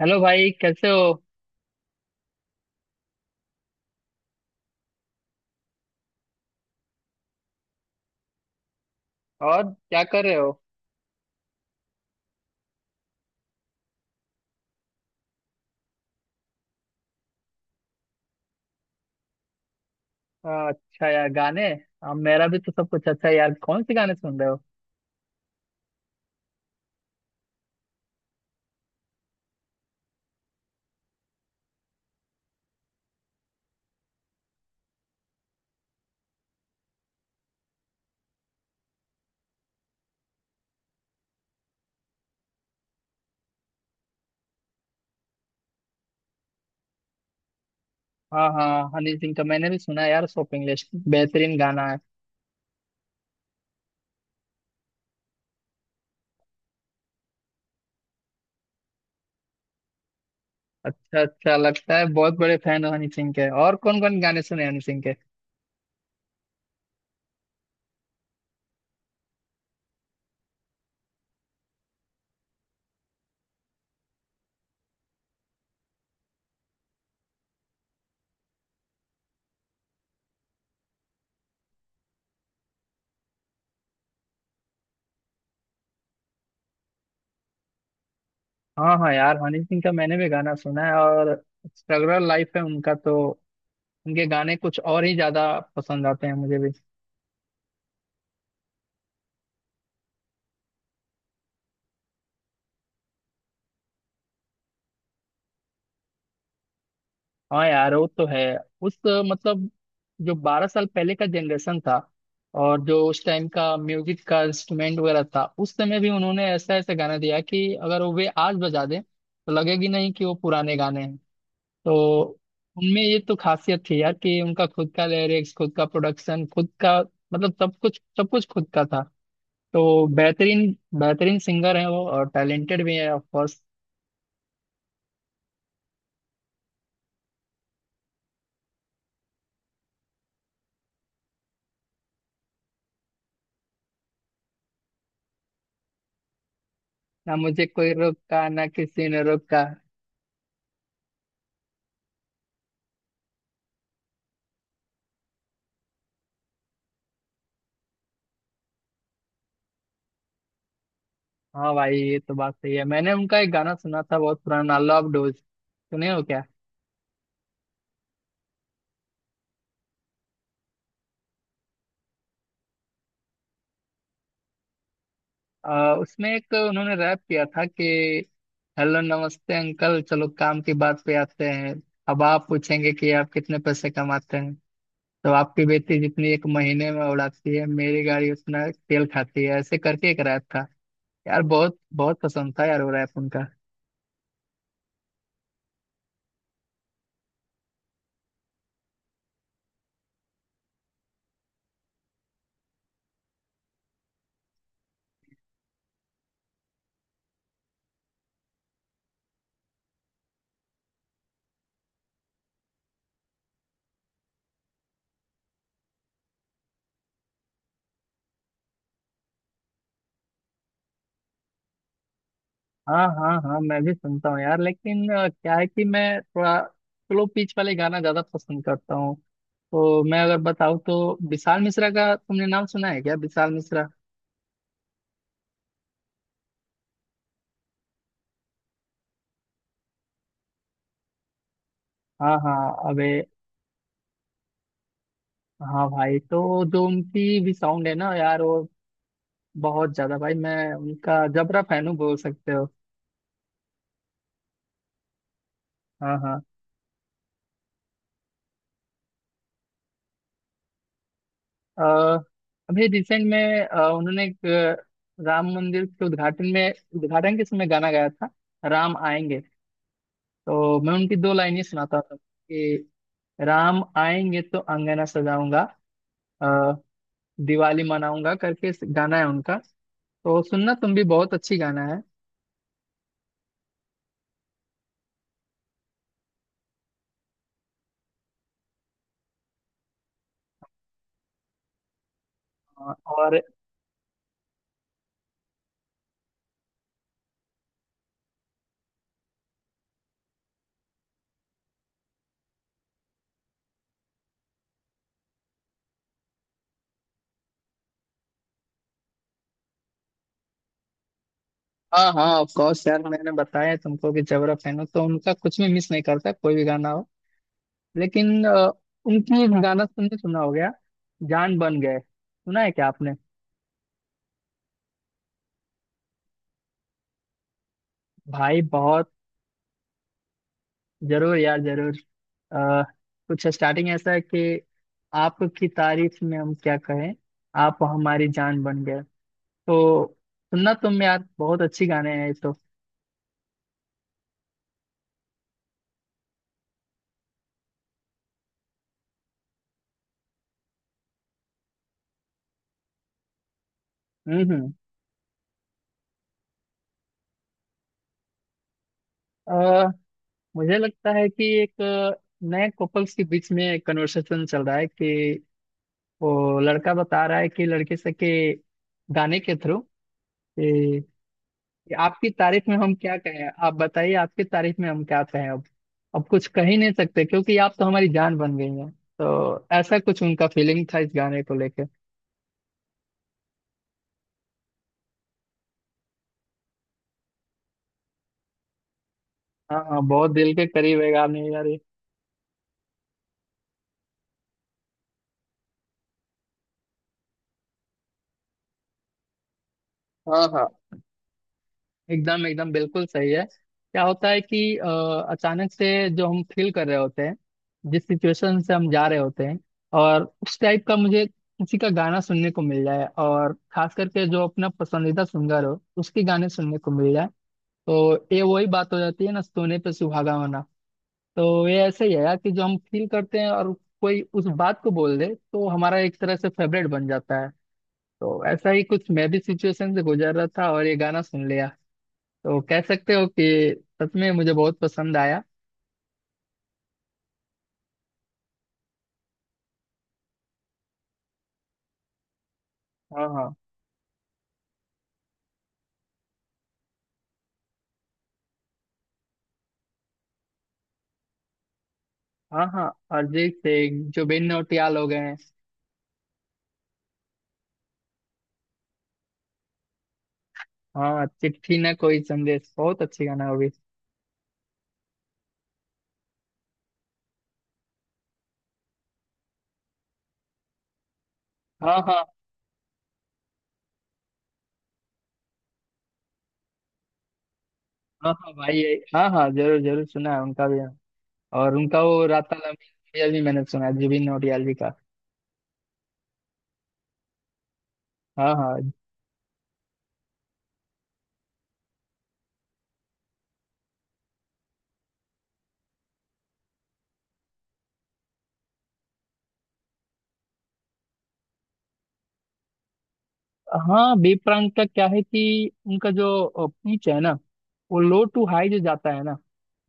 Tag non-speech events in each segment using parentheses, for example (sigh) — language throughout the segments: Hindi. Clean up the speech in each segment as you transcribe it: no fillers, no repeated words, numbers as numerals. हेलो भाई, कैसे हो? और क्या कर रहे हो? हाँ, अच्छा यार, गाने। हाँ, मेरा भी तो सब कुछ अच्छा है यार। कौन से गाने सुन रहे हो? हाँ हाँ, हनी सिंह का मैंने भी सुना है यार। शॉपिंग लिस्ट बेहतरीन गाना है। अच्छा, अच्छा लगता है। बहुत बड़े फैन हो हनी सिंह के। और कौन कौन गाने सुने हैं हनी सिंह के? हाँ हाँ यार, हनी सिंह का मैंने भी गाना सुना है। और स्ट्रगल लाइफ है उनका तो। उनके गाने कुछ और ही ज्यादा पसंद आते हैं मुझे भी। हाँ यार, वो तो है। उस मतलब, जो 12 साल पहले का जनरेशन था, और जो उस टाइम का म्यूजिक का इंस्ट्रूमेंट वगैरह था, उस समय भी उन्होंने ऐसा ऐसा गाना दिया कि अगर वो वे आज बजा दें तो लगेगी नहीं कि वो पुराने गाने हैं। तो उनमें ये तो खासियत थी यार कि उनका खुद का लिरिक्स, खुद का प्रोडक्शन, खुद का मतलब सब कुछ खुद का था। तो बेहतरीन बेहतरीन सिंगर है वो, और टैलेंटेड भी है ऑफ कोर्स। ना मुझे कोई रोका, ना किसी ने रोका। हाँ भाई, ये तो बात सही है। मैंने उनका एक गाना सुना था, बहुत पुराना, लव डोज, सुने हो क्या? उसमें एक उन्होंने रैप किया था कि, हेलो नमस्ते अंकल, चलो काम की बात पे आते हैं। अब आप पूछेंगे कि आप कितने पैसे कमाते हैं। तो आपकी बेटी जितनी एक महीने में उड़ाती है, मेरी गाड़ी उतना तेल खाती है। ऐसे करके एक रैप था यार। बहुत बहुत पसंद था यार वो रैप उनका। हाँ हाँ हाँ, मैं भी सुनता हूँ यार। लेकिन क्या है कि मैं थोड़ा स्लो पिच वाले गाना ज्यादा पसंद करता हूँ। तो मैं अगर बताऊँ, तो विशाल मिश्रा का तुमने नाम सुना है क्या? विशाल मिश्रा। हाँ हाँ। अबे, हाँ भाई, तो जो उनकी भी साउंड है ना यार वो। बहुत ज्यादा भाई, मैं उनका जबरा फैन हूँ बोल सकते हो। हाँ हाँ। अ, अभी रिसेंट में उन्होंने एक अ, राम मंदिर के उद्घाटन में, उद्घाटन के समय गाना गाया था, राम आएंगे। तो मैं उनकी दो लाइनें सुनाता हूँ कि, राम आएंगे तो अंगना सजाऊंगा, अ, दिवाली मनाऊंगा, करके गाना है उनका। तो सुनना तुम भी, बहुत अच्छी गाना है। और। हाँ हाँ, ऑफ कोर्स यार, मैंने बताया है तुमको कि जबरा फैन हो तो उनका कुछ भी मिस नहीं करता, कोई भी गाना हो। लेकिन उनकी एक गाना तुमने सुना हो गया, जान बन गए, सुना है क्या आपने? भाई बहुत, जरूर यार जरूर। अ, कुछ स्टार्टिंग ऐसा है कि, आपकी तारीफ में हम क्या कहें, आप हमारी जान बन गए। तो सुनना तुम यार, बहुत अच्छी गाने हैं ये तो। हम्म। अ, मुझे लगता है कि एक नए कपल्स के बीच में कन्वर्सेशन चल रहा है कि, वो लड़का बता रहा है कि लड़के से के, गाने के थ्रू कि, आपकी तारीफ में हम क्या कहें, आप बताइए, आपकी तारीफ में हम क्या कहें अब? अब कुछ कह ही नहीं सकते, क्योंकि आप तो हमारी जान बन गई हैं। तो ऐसा कुछ उनका फीलिंग था इस गाने को लेके। हाँ हाँ, बहुत दिल के करीब है गाने यार ये। हाँ हाँ, एकदम एकदम बिल्कुल सही है। क्या होता है कि अचानक से जो हम फील कर रहे होते हैं, जिस सिचुएशन से हम जा रहे होते हैं, और उस टाइप का मुझे किसी का गाना सुनने को मिल जाए, और खास करके जो अपना पसंदीदा सिंगर हो उसके गाने सुनने को मिल जाए, तो ये वही बात हो जाती है ना, सोने पे सुहागा होना। तो ये ऐसे ही है यार कि, जो हम फील करते हैं और कोई उस बात को बोल दे, तो हमारा एक तरह से फेवरेट बन जाता है। तो ऐसा ही कुछ मैं भी सिचुएशन से गुजर रहा था, और ये गाना सुन लिया। तो कह सकते हो कि सच में मुझे बहुत पसंद आया। हाँ हाँ। हाँ हाँ, अरिजीत सिंह, जुबिन नौटियाल हो गए हैं। हाँ, चिट्ठी ना कोई संदेश, बहुत अच्छी गाना होगी। हाँ हाँ। हाँ हाँ भाई, हाँ हाँ, जरूर जरूर सुना है उनका भी। और उनका वो राता लम्बी भी मैंने सुना है, जुबिन नौटियाल जी का। हाँ हाँ। हाँ, बी प्राक का क्या है कि उनका जो पिच है ना, वो लो टू हाई जो जाता है ना,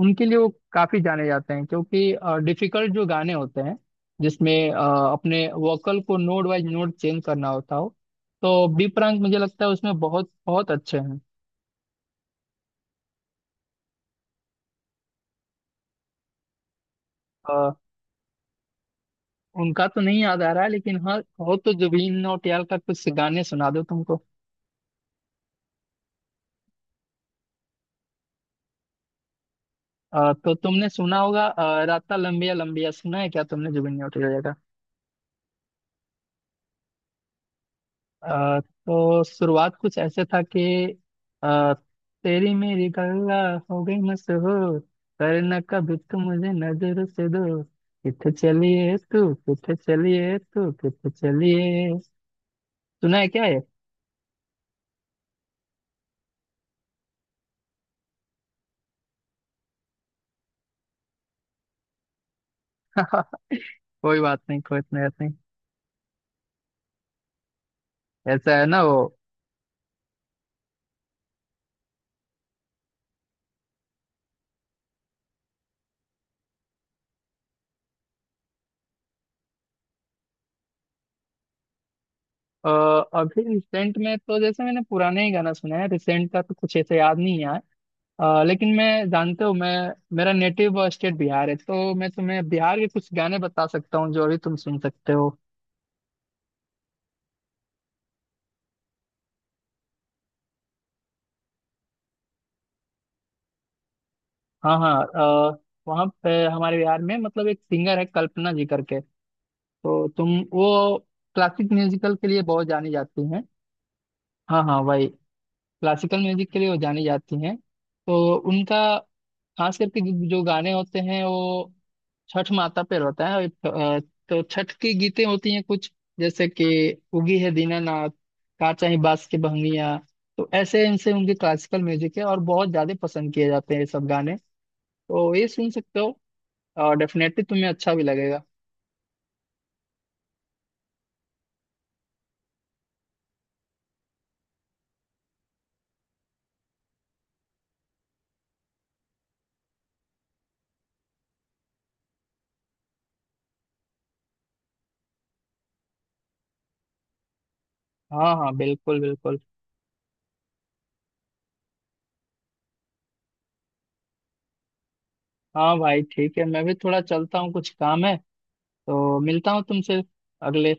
उनके लिए वो काफी जाने जाते हैं, क्योंकि डिफिकल्ट जो गाने होते हैं जिसमें अपने वोकल को नोड वाइज नोड चेंज करना होता हो, तो बी प्राक मुझे लगता है उसमें बहुत बहुत अच्छे हैं। अ, उनका तो नहीं याद आ रहा है, लेकिन हाँ, हो तो जुबिन नौटियाल का कुछ गाने सुना दो तुमको। तो तुमने सुना होगा राता लंबिया लंबिया, सुना है क्या तुमने जुबिन नौटियाल का? तो शुरुआत कुछ ऐसे था कि, अ, तेरी मेरी गल्ला हो गई मशहूर, करना कभी तू मुझे नजर से दूर, किथे चलिए तू किथे चलिए तू किथे चलिए, सुना है क्या ये? (laughs) कोई बात नहीं, कोई इतनी बात नहीं, ऐसा है ना वो। अ, अभी रिसेंट में तो जैसे मैंने पुराने ही गाना सुना है, रिसेंट का तो कुछ ऐसे याद नहीं है। लेकिन मैं, जानते हो, मैं मेरा नेटिव स्टेट बिहार है, तो मैं तुम्हें बिहार के कुछ गाने बता सकता हूँ जो अभी तुम सुन सकते हो। हाँ हाँ। अ, वहाँ पे हमारे बिहार में मतलब एक सिंगर है कल्पना जी करके। तो तुम वो क्लासिक म्यूजिकल के लिए बहुत जानी जाती हैं। हाँ हाँ वही, क्लासिकल म्यूजिक के लिए वो जानी जाती हैं। तो उनका खास करके जो जो गाने होते हैं, वो छठ माता पे रहता है। तो छठ की गीतें होती हैं कुछ, जैसे कि, उगी है दीनानाथ, काचा ही बास की बहंगिया। तो ऐसे इनसे उनके क्लासिकल म्यूजिक है, और बहुत ज्यादा पसंद किए जाते हैं ये सब गाने। तो ये सुन सकते हो, और डेफिनेटली तुम्हें अच्छा भी लगेगा। हाँ हाँ, बिल्कुल बिल्कुल। हाँ भाई, ठीक है, मैं भी थोड़ा चलता हूँ, कुछ काम है। तो मिलता हूँ तुमसे अगले।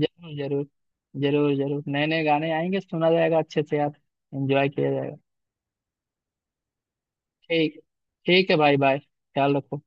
जरूर जरूर। जरूर जरूर, नए नए गाने आएंगे, सुना जाएगा अच्छे से यार। एंजॉय किया जाएगा। ठीक, ठीक है भाई, बाय, ख्याल रखो।